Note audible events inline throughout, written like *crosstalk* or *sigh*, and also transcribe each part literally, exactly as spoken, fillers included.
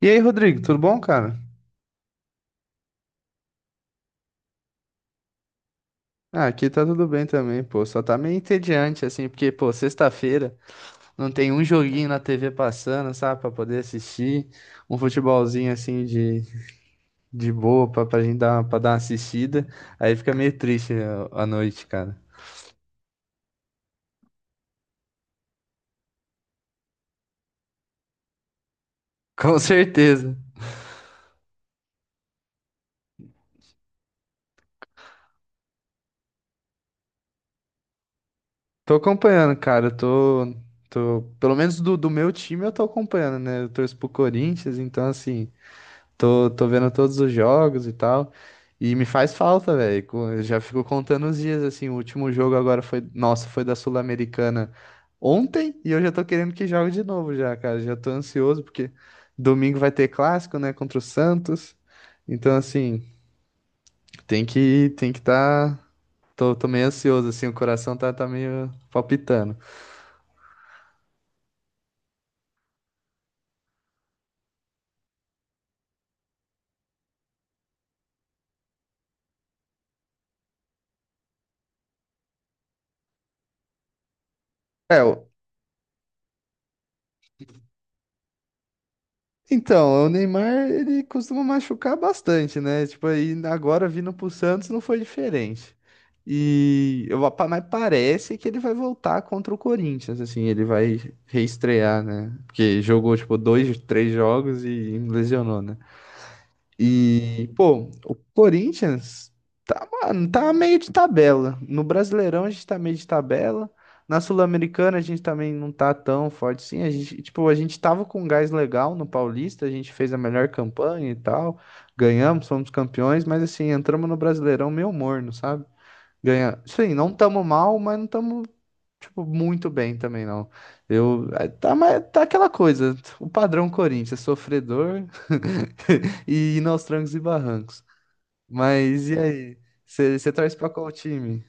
E aí, Rodrigo, tudo bom, cara? Ah, aqui tá tudo bem também, pô. Só tá meio entediante, assim, porque, pô, sexta-feira não tem um joguinho na T V passando, sabe, pra poder assistir. Um futebolzinho, assim, de, de boa pra, pra gente dar, pra dar uma assistida. Aí fica meio triste a, a noite, cara. *laughs* Com certeza. Tô acompanhando, cara. eu Tô, tô, pelo menos do, do meu time eu tô acompanhando, né? Eu torço pro Corinthians, então, assim. Tô, tô vendo todos os jogos e tal. E me faz falta, velho. Co- eu Já fico contando os dias, assim. O último jogo agora foi. Nossa, foi da Sul-Americana ontem. E eu já tô querendo que jogue de novo, já, cara. Já tô ansioso, porque domingo vai ter clássico, né? Contra o Santos. Então, assim, tem que, tem que tá. Tô, tô meio ansioso, assim. O coração tá, tá meio palpitando. É, o- Então, o Neymar, ele costuma machucar bastante, né? Tipo, aí agora vindo pro Santos não foi diferente. E eu, pa- mas parece que ele vai voltar contra o Corinthians, assim, ele vai reestrear, né? Porque jogou, tipo, dois, três jogos e lesionou, né? E, pô, o Corinthians tá, mano, tá meio de tabela. No Brasileirão a gente tá meio de tabela. Na Sul-Americana a gente também não tá tão forte assim. A gente, tipo, a gente tava com um gás legal no Paulista, a gente fez a melhor campanha e tal. Ganhamos, fomos campeões, mas assim, entramos no Brasileirão meio morno, sabe? Ganha... Sim, não tamo mal, mas não tamo tipo, muito bem também, não. Eu, eh, tá, mas tá aquela coisa, o padrão Corinthians, sofredor *laughs* e ir aos trancos e barrancos. Mas e aí? Você torce pra qual time?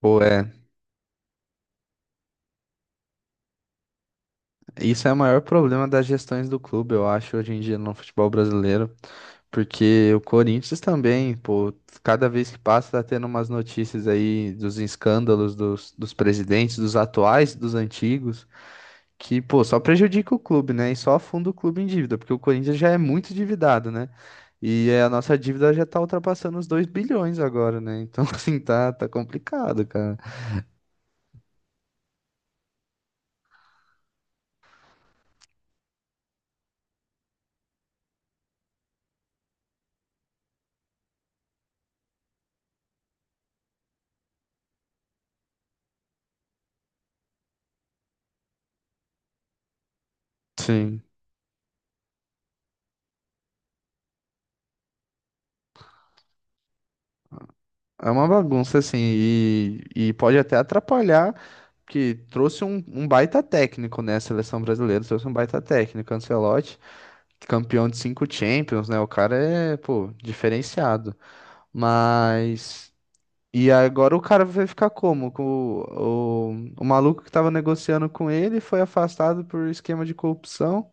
Pô, é, isso é o maior problema das gestões do clube, eu acho, hoje em dia no futebol brasileiro. Porque o Corinthians também, pô, cada vez que passa tá tendo umas notícias aí dos escândalos dos, dos presidentes, dos atuais, dos antigos. Que, pô, só prejudica o clube, né? E só afunda o clube em dívida, porque o Corinthians já é muito endividado, né? E é, a nossa dívida já tá ultrapassando os dois bilhões agora, né? Então, *laughs* assim, tá, tá complicado, cara. Sim. É uma bagunça, assim, e, e pode até atrapalhar, que trouxe um, um baita técnico, né? A seleção brasileira trouxe um baita técnico, Ancelotti, campeão de cinco Champions, né? O cara é, pô, diferenciado. Mas. E agora o cara vai ficar como? Com o, o, o maluco que tava negociando com ele foi afastado por esquema de corrupção.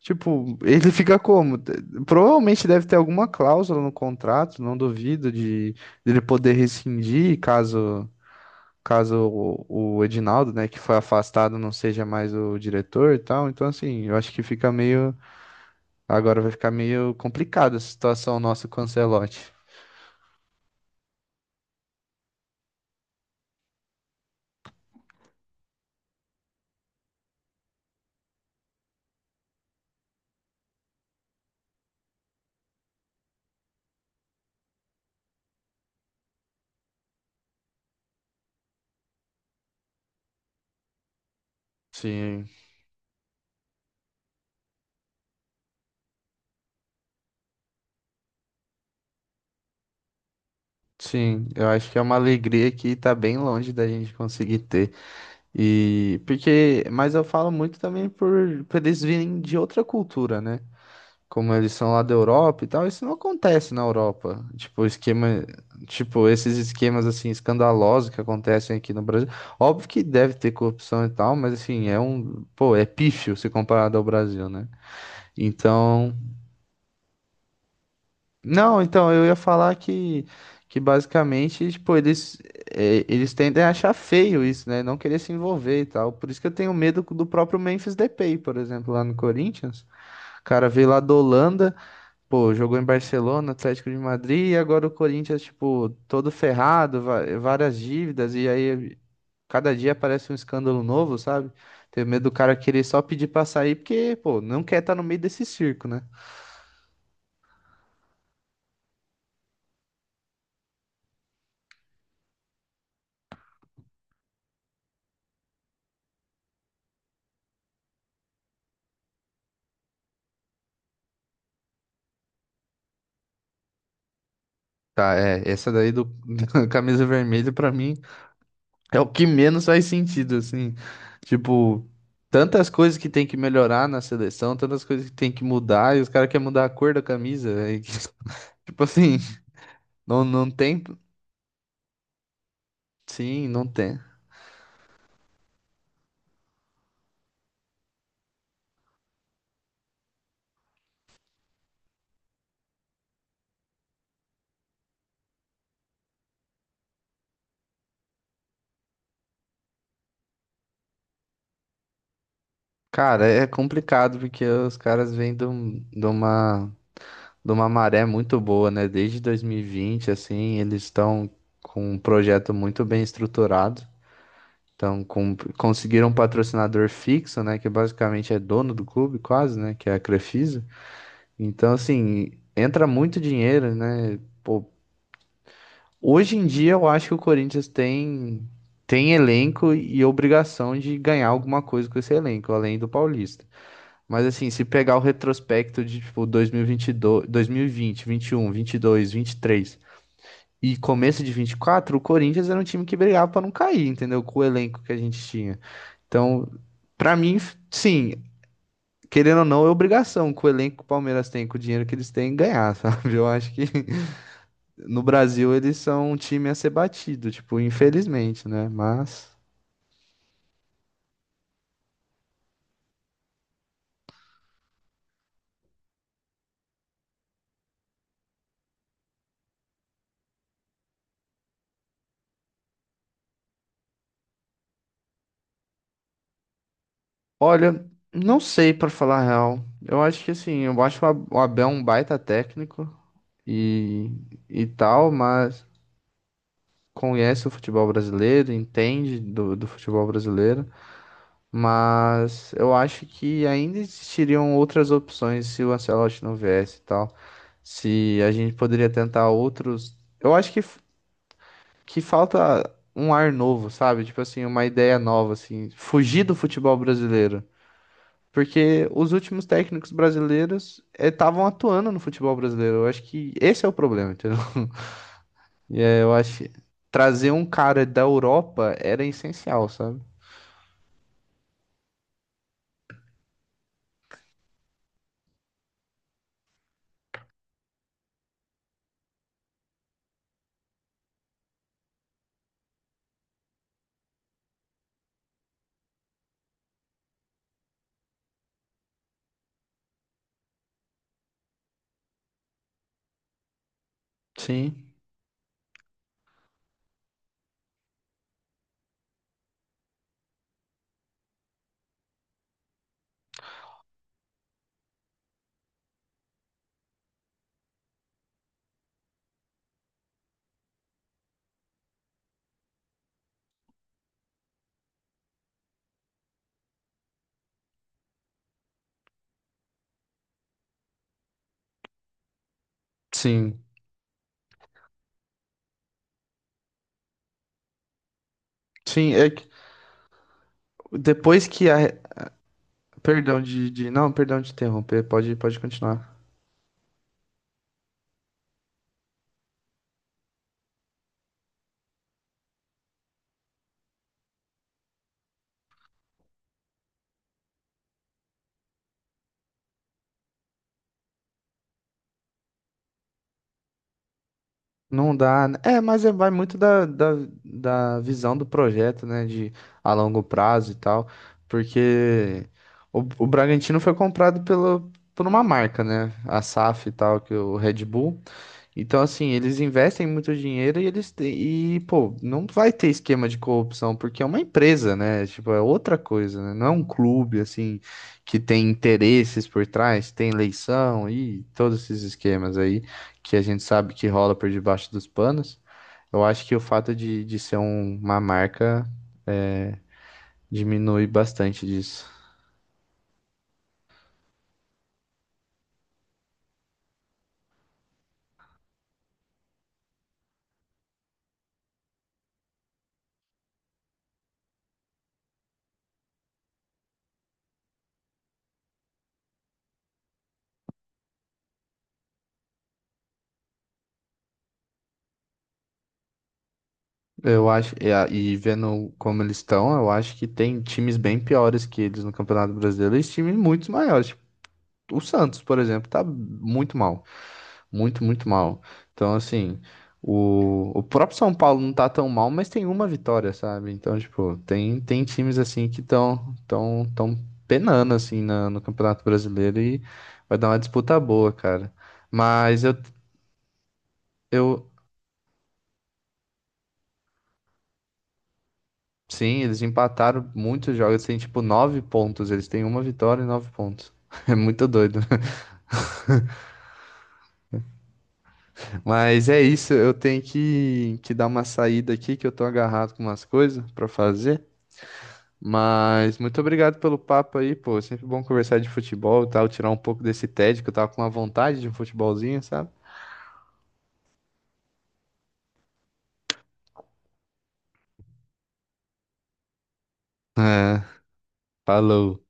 Tipo, ele fica como? De- Provavelmente deve ter alguma cláusula no contrato, não duvido, de, de ele poder rescindir caso, caso o, o Edinaldo, né, que foi afastado, não seja mais o diretor e tal. Então, assim, eu acho que fica meio. Agora vai ficar meio complicada a situação nossa com o Ancelotti. Sim, Sim, eu acho que é uma alegria que tá bem longe da gente conseguir ter. E porque, mas eu falo muito também por, por eles virem de outra cultura, né? Como eles são lá da Europa e tal, isso não acontece na Europa. Tipo, esquema, tipo, esses esquemas assim escandalosos que acontecem aqui no Brasil. Óbvio que deve ter corrupção e tal, mas assim, é um, pô, é pífio se comparado ao Brasil, né? Então, não, então eu ia falar que, que basicamente, tipo, eles, é, eles tendem a achar feio isso, né? Não querer se envolver e tal. Por isso que eu tenho medo do próprio Memphis Depay, por exemplo, lá no Corinthians. O cara veio lá da Holanda, pô, jogou em Barcelona, Atlético de Madrid, e agora o Corinthians, tipo, todo ferrado, va- várias dívidas, e aí cada dia aparece um escândalo novo, sabe? Tenho medo do cara querer só pedir pra sair, porque, pô, não quer estar no meio desse circo, né? Tá, é, essa daí do *laughs* da camisa vermelha pra mim é o que menos faz sentido, assim. Tipo, tantas coisas que tem que melhorar na seleção, tantas coisas que tem que mudar, e os caras querem mudar a cor da camisa, velho. *laughs* Tipo assim, não, não tem. Sim, não tem. Cara, é complicado porque os caras vêm de, um- de uma de uma maré muito boa, né? Desde dois mil e vinte, assim, eles estão com um projeto muito bem estruturado. Então, com- conseguiram um patrocinador fixo, né? Que basicamente é dono do clube, quase, né? Que é a Crefisa. Então, assim, entra muito dinheiro, né? Pô, hoje em dia eu acho que o Corinthians tem, tem elenco e obrigação de ganhar alguma coisa com esse elenco, além do Paulista. Mas, assim, se pegar o retrospecto de, tipo, dois mil e vinte e dois, dois mil e vinte, vinte e um, vinte e dois, vinte e três. E começo de vinte e quatro, o Corinthians era um time que brigava pra não cair, entendeu? Com o elenco que a gente tinha. Então, pra mim, f- sim, querendo ou não, é obrigação que o elenco que o Palmeiras tem, com o dinheiro que eles têm, ganhar, *laughs* sabe? Eu acho que no Brasil eles são um time a ser batido, tipo, infelizmente, né? Mas, olha, não sei pra falar a real. Eu acho que assim, eu acho o Ab- o Abel um baita técnico e, e tal, mas conhece o futebol brasileiro, entende do, do futebol brasileiro. Mas eu acho que ainda existiriam outras opções se o Ancelotti não viesse e tal. Se a gente poderia tentar outros. Eu acho que, que falta um ar novo, sabe? Tipo assim, uma ideia nova, assim. Fugir do futebol brasileiro. Porque os últimos técnicos brasileiros eh, estavam atuando no futebol brasileiro. Eu acho que esse é o problema, entendeu? *laughs* E é, eu acho que trazer um cara da Europa era essencial, sabe? Sim, sim. Sim, é que depois que a. Perdão de, de- Não, perdão de interromper, pode, pode continuar. Não dá. Né? É, mas é, vai muito da, da, da visão do projeto, né? De a longo prazo e tal. Porque o, o Bragantino foi comprado pelo, por uma marca, né? A SAF e tal, que é o Red Bull. Então, assim, eles investem muito dinheiro e eles te- e, pô, não vai ter esquema de corrupção, porque é uma empresa, né? Tipo, é outra coisa, né? Não é um clube, assim, que tem interesses por trás, tem eleição e todos esses esquemas aí que a gente sabe que rola por debaixo dos panos. Eu acho que o fato de, de ser um- uma marca diminui bastante disso. Eu acho, e, a- E vendo como eles estão, eu acho que tem times bem piores que eles no Campeonato Brasileiro e times muito maiores. O Santos, por exemplo, tá muito mal. Muito, muito mal. Então, assim, o, o próprio São Paulo não tá tão mal, mas tem uma vitória, sabe? Então, tipo, tem, tem times assim que estão tão, tão tão penando assim na- no Campeonato Brasileiro e vai dar uma disputa boa, cara. Mas eu, eu sim, eles empataram muitos jogos, tem tipo nove pontos. Eles têm uma vitória e nove pontos. *laughs* É muito doido. Mas é isso, eu tenho que, que dar uma saída aqui, que eu tô agarrado com umas coisas pra fazer. Mas muito obrigado pelo papo aí, pô. Sempre bom conversar de futebol e tal, tirar um pouco desse tédio que eu tava com uma vontade de um futebolzinho, sabe? É, Falou.